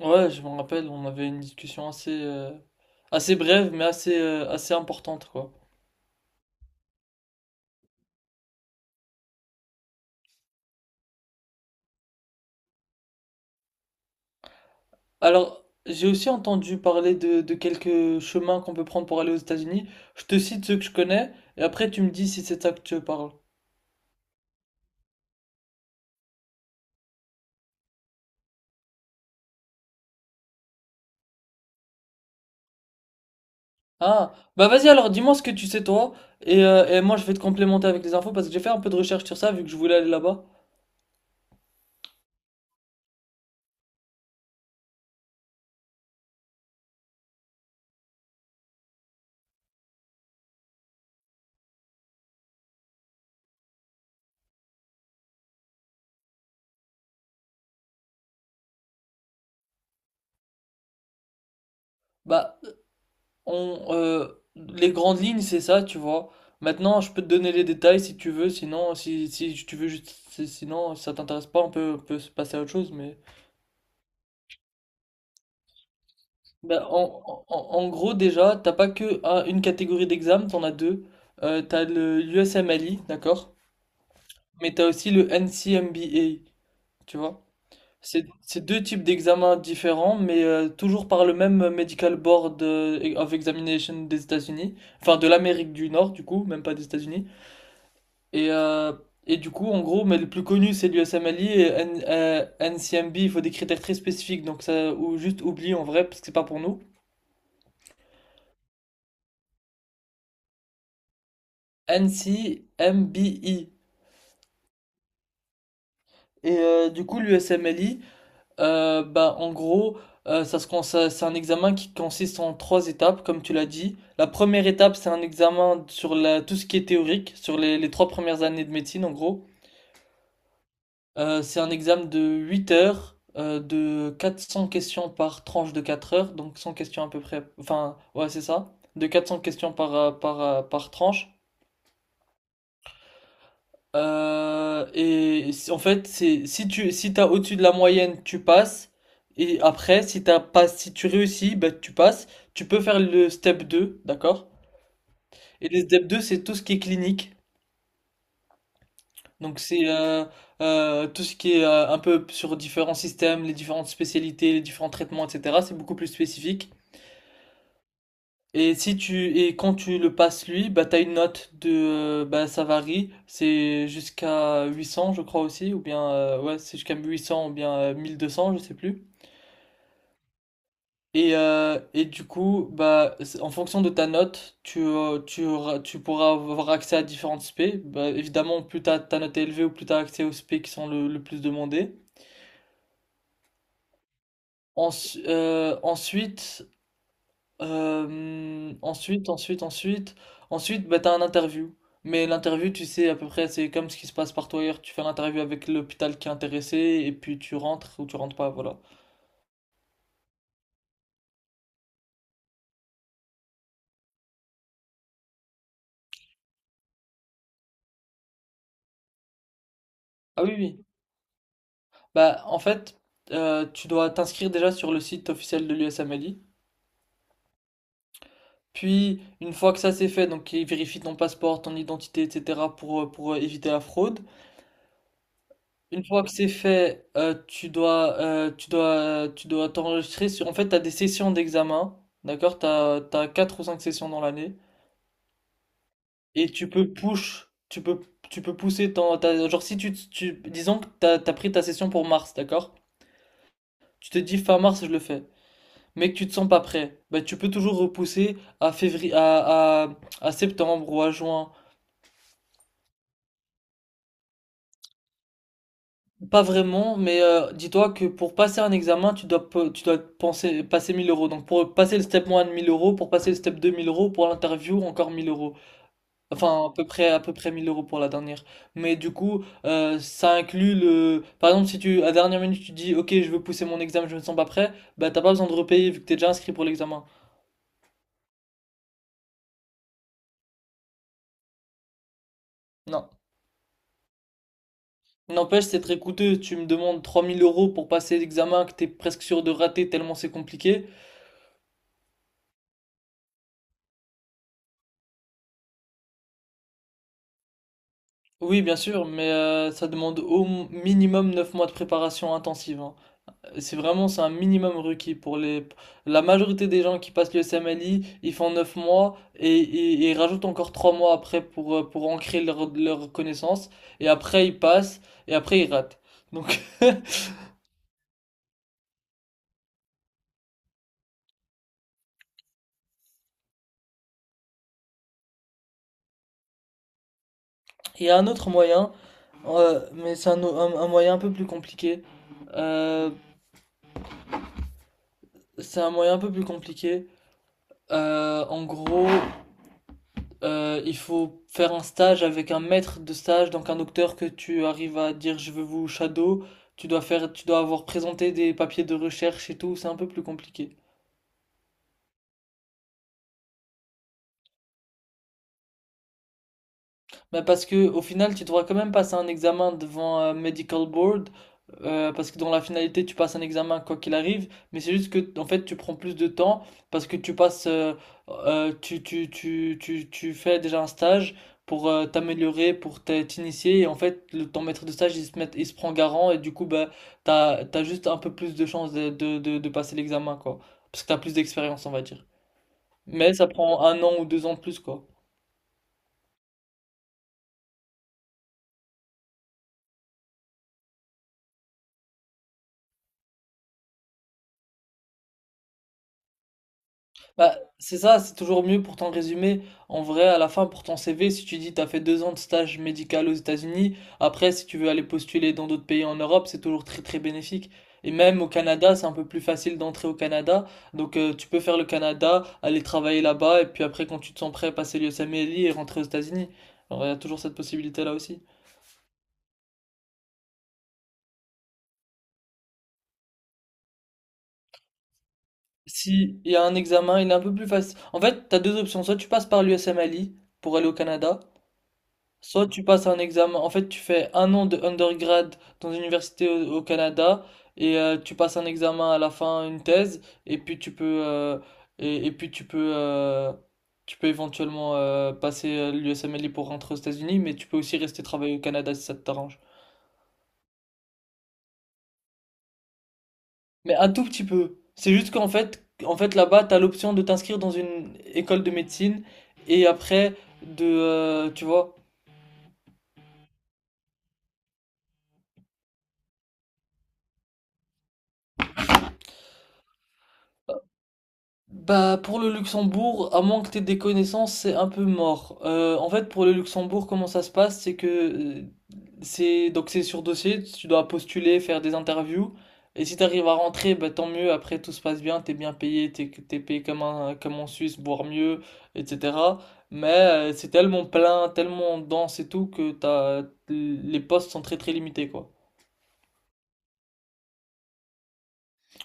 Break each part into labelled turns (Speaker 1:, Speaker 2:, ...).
Speaker 1: Ouais, je me rappelle, on avait une discussion assez, assez brève, mais assez, assez importante, quoi. Alors, j'ai aussi entendu parler de quelques chemins qu'on peut prendre pour aller aux États-Unis. Je te cite ceux que je connais, et après tu me dis si c'est de ça que tu parles. Ah, bah vas-y alors, dis-moi ce que tu sais toi, et moi je vais te complémenter avec les infos parce que j'ai fait un peu de recherche sur ça vu que je voulais aller là-bas. Bah, On, euh, les grandes lignes, c'est ça, tu vois. Maintenant, je peux te donner les détails si tu veux, sinon, si tu veux juste, si ça t'intéresse pas, on peut se passer à autre chose, mais... Bah, en gros, déjà, t'as pas que une catégorie d'examen, t'en as deux. T'as le USMLE, d'accord? Mais t'as aussi le NCMBA, tu vois? C'est deux types d'examens différents, mais toujours par le même Medical Board of Examination des États-Unis, enfin de l'Amérique du Nord, du coup, même pas des États-Unis. Et, euh, et du coup, en gros, mais le plus connu, c'est l'USMLE et NCMB, il faut des critères très spécifiques, donc ça, ou juste oublie en vrai, parce que c'est pas pour nous. NCMBI. Et du coup, l'USMLE, en gros, ça se, cons- ça- c'est un examen qui consiste en trois étapes, comme tu l'as dit. La première étape, c'est un examen sur la, tout ce qui est théorique, sur les trois premières années de médecine, en gros. C'est un examen de 8 heures, de 400 questions par tranche de 4 heures, donc 100 questions à peu près, enfin, ouais, c'est ça, de 400 questions par tranche. En fait, c'est si t'as au-dessus de la moyenne, tu passes. Et après, si t'as pas, si tu réussis, bah, tu passes. Tu peux faire le step deux, d'accord? Et le step 2 c'est tout ce qui est clinique. Donc c'est tout ce qui est un peu sur différents systèmes, les différentes spécialités, les différents traitements, etc. C'est beaucoup plus spécifique. Et si tu et quand tu le passes lui, bah t'as une note de bah ça varie, c'est jusqu'à 800 je crois aussi ou bien ouais, c'est jusqu'à 800 ou bien 1 200 je sais plus. Et du coup, en fonction de ta note, tu pourras avoir accès à différentes spé. Bah évidemment, plus ta note est élevée ou plus t'as accès aux spé qui sont le plus demandés. Ensu- euh, ensuite, euh, ensuite, ensuite, ensuite, ensuite, bah, t'as un interview. Mais l'interview, tu sais, à peu près, c'est comme ce qui se passe partout ailleurs. Tu fais l'interview avec l'hôpital qui est intéressé et puis tu rentres ou tu rentres pas, voilà. Ah oui, oui. Bah, en fait, tu dois t'inscrire déjà sur le site officiel de l'USMLI. Puis, une fois que ça c'est fait, donc ils vérifient ton passeport, ton identité, etc. pour, éviter la fraude. Une fois que c'est fait, tu dois t'enregistrer sur. En fait, t'as des sessions d'examen, d'accord? T'as quatre ou cinq sessions dans l'année, et tu peux push, tu peux pousser genre si disons que t'as pris ta session pour mars, d'accord? Tu te dis fin mars, je le fais, mais que tu te sens pas prêt, bah tu peux toujours repousser à février, à septembre ou à juin. Pas vraiment, mais dis-toi que pour passer un examen, tu dois penser, passer 1000 euros. Donc pour passer le step 1, 1000 euros, pour passer le step 2, 1000 euros, pour l'interview, encore 1000 euros. Enfin, à peu près 1000 euros pour la dernière. Mais du coup, ça inclut le... Par exemple, si tu, à dernière minute, tu dis, OK, je veux pousser mon examen, je me sens pas prêt, bah t'as pas besoin de repayer vu que t'es déjà inscrit pour l'examen. Non. N'empêche, c'est très coûteux. Tu me demandes 3000 euros pour passer l'examen que t'es presque sûr de rater tellement c'est compliqué. Oui, bien sûr, mais ça demande au minimum 9 mois de préparation intensive, hein. C'est vraiment, c'est un minimum requis pour les... La majorité des gens qui passent le SMLI, ils font 9 mois et ils rajoutent encore 3 mois après pour ancrer leur connaissance. Et après, ils passent et après, ils ratent. Donc, il y a un autre moyen, mais c'est un moyen un peu plus compliqué. Euh, c'est un moyen un peu plus compliqué. En gros, il faut faire un stage avec un maître de stage, donc un docteur que tu arrives à dire je veux vous shadow. Tu dois faire, tu dois avoir présenté des papiers de recherche et tout, c'est un peu plus compliqué. Bah, parce que au final, tu devras quand même passer un examen devant un medical board, parce que dans la finalité, tu passes un examen quoi qu'il arrive, mais c'est juste que en fait, tu prends plus de temps parce que tu passes, tu fais déjà un stage pour t'améliorer, pour t'initier, et en fait, ton maître de stage, il se prend garant, et du coup, bah, t'as juste un peu plus de chances de passer l'examen, quoi, parce que t'as plus d'expérience, on va dire. Mais ça prend un an ou 2 ans de plus, quoi. Bah, c'est ça, c'est toujours mieux pour ton résumé. En vrai, à la fin, pour ton CV, si tu dis t'as fait 2 ans de stage médical aux États-Unis, après, si tu veux aller postuler dans d'autres pays en Europe, c'est toujours très très bénéfique. Et même au Canada, c'est un peu plus facile d'entrer au Canada. Donc, tu peux faire le Canada, aller travailler là-bas, et puis après, quand tu te sens prêt, passer l'USMLE et rentrer aux États-Unis. Alors, il y a toujours cette possibilité-là aussi. Si il y a un examen, il est un peu plus facile. En fait, t'as deux options. Soit tu passes par l'USMLE pour aller au Canada, soit tu passes un examen, en fait tu fais un an de undergrad dans une université au Canada et tu passes un examen à la fin, une thèse, et puis tu peux euh, et puis tu peux éventuellement passer l'USMLE pour rentrer aux États-Unis, mais tu peux aussi rester travailler au Canada si ça t'arrange. Mais un tout petit peu. C'est juste qu'en fait en fait là-bas t'as l'option de t'inscrire dans une école de médecine et après de tu vois. Bah, pour le Luxembourg, à moins que t'aies des connaissances, c'est un peu mort. En fait, pour le Luxembourg, comment ça se passe, c'est que c'est sur dossier, tu dois postuler, faire des interviews, et si t'arrives à rentrer, bah tant mieux. Après, tout se passe bien, t'es bien payé, t'es payé comme en Suisse, voire mieux, etc. Mais c'est tellement plein, tellement dense et tout que t'as les postes sont très très limités, quoi.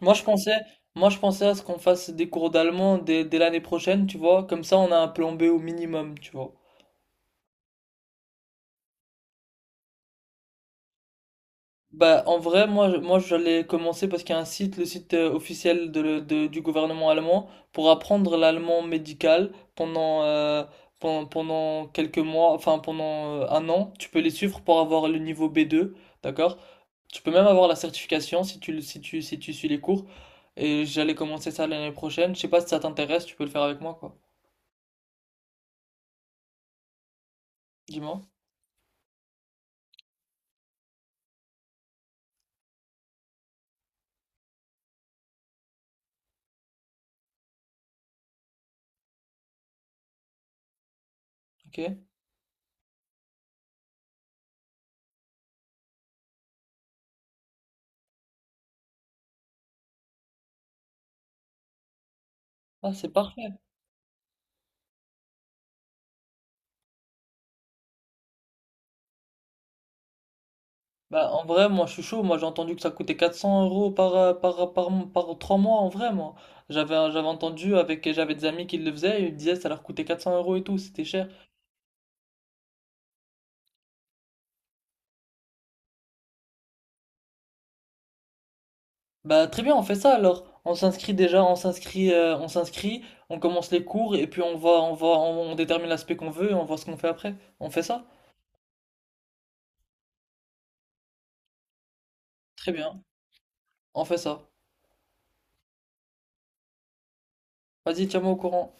Speaker 1: Moi je pensais, moi je pensais à ce qu'on fasse des cours d'allemand dès l'année prochaine, tu vois, comme ça on a un plan B au minimum, tu vois. Bah en vrai, moi j'allais commencer parce qu'il y a un site, le site officiel du gouvernement allemand, pour apprendre l'allemand médical pendant, quelques mois, enfin pendant un an, tu peux les suivre pour avoir le niveau B2, d'accord? Tu peux même avoir la certification si tu le- si tu si tu suis les cours. Et j'allais commencer ça l'année prochaine. Je sais pas si ça t'intéresse, tu peux le faire avec moi quoi. Dis-moi. Ok? Ah, c'est parfait. Bah, en vrai, moi, je suis chaud. Moi, j'ai entendu que ça coûtait 400 euros 3 mois, en vrai, moi. J'avais, j'avais entendu avec, j'avais des amis qui le faisaient, ils me disaient que ça leur coûtait 400 euros et tout, c'était cher. Bah, très bien, on fait ça alors. On s'inscrit déjà, on s'inscrit, on commence les cours et puis on détermine l'aspect qu'on veut et on voit ce qu'on fait après. On fait ça? Très bien, on fait ça. Vas-y, tiens-moi au courant.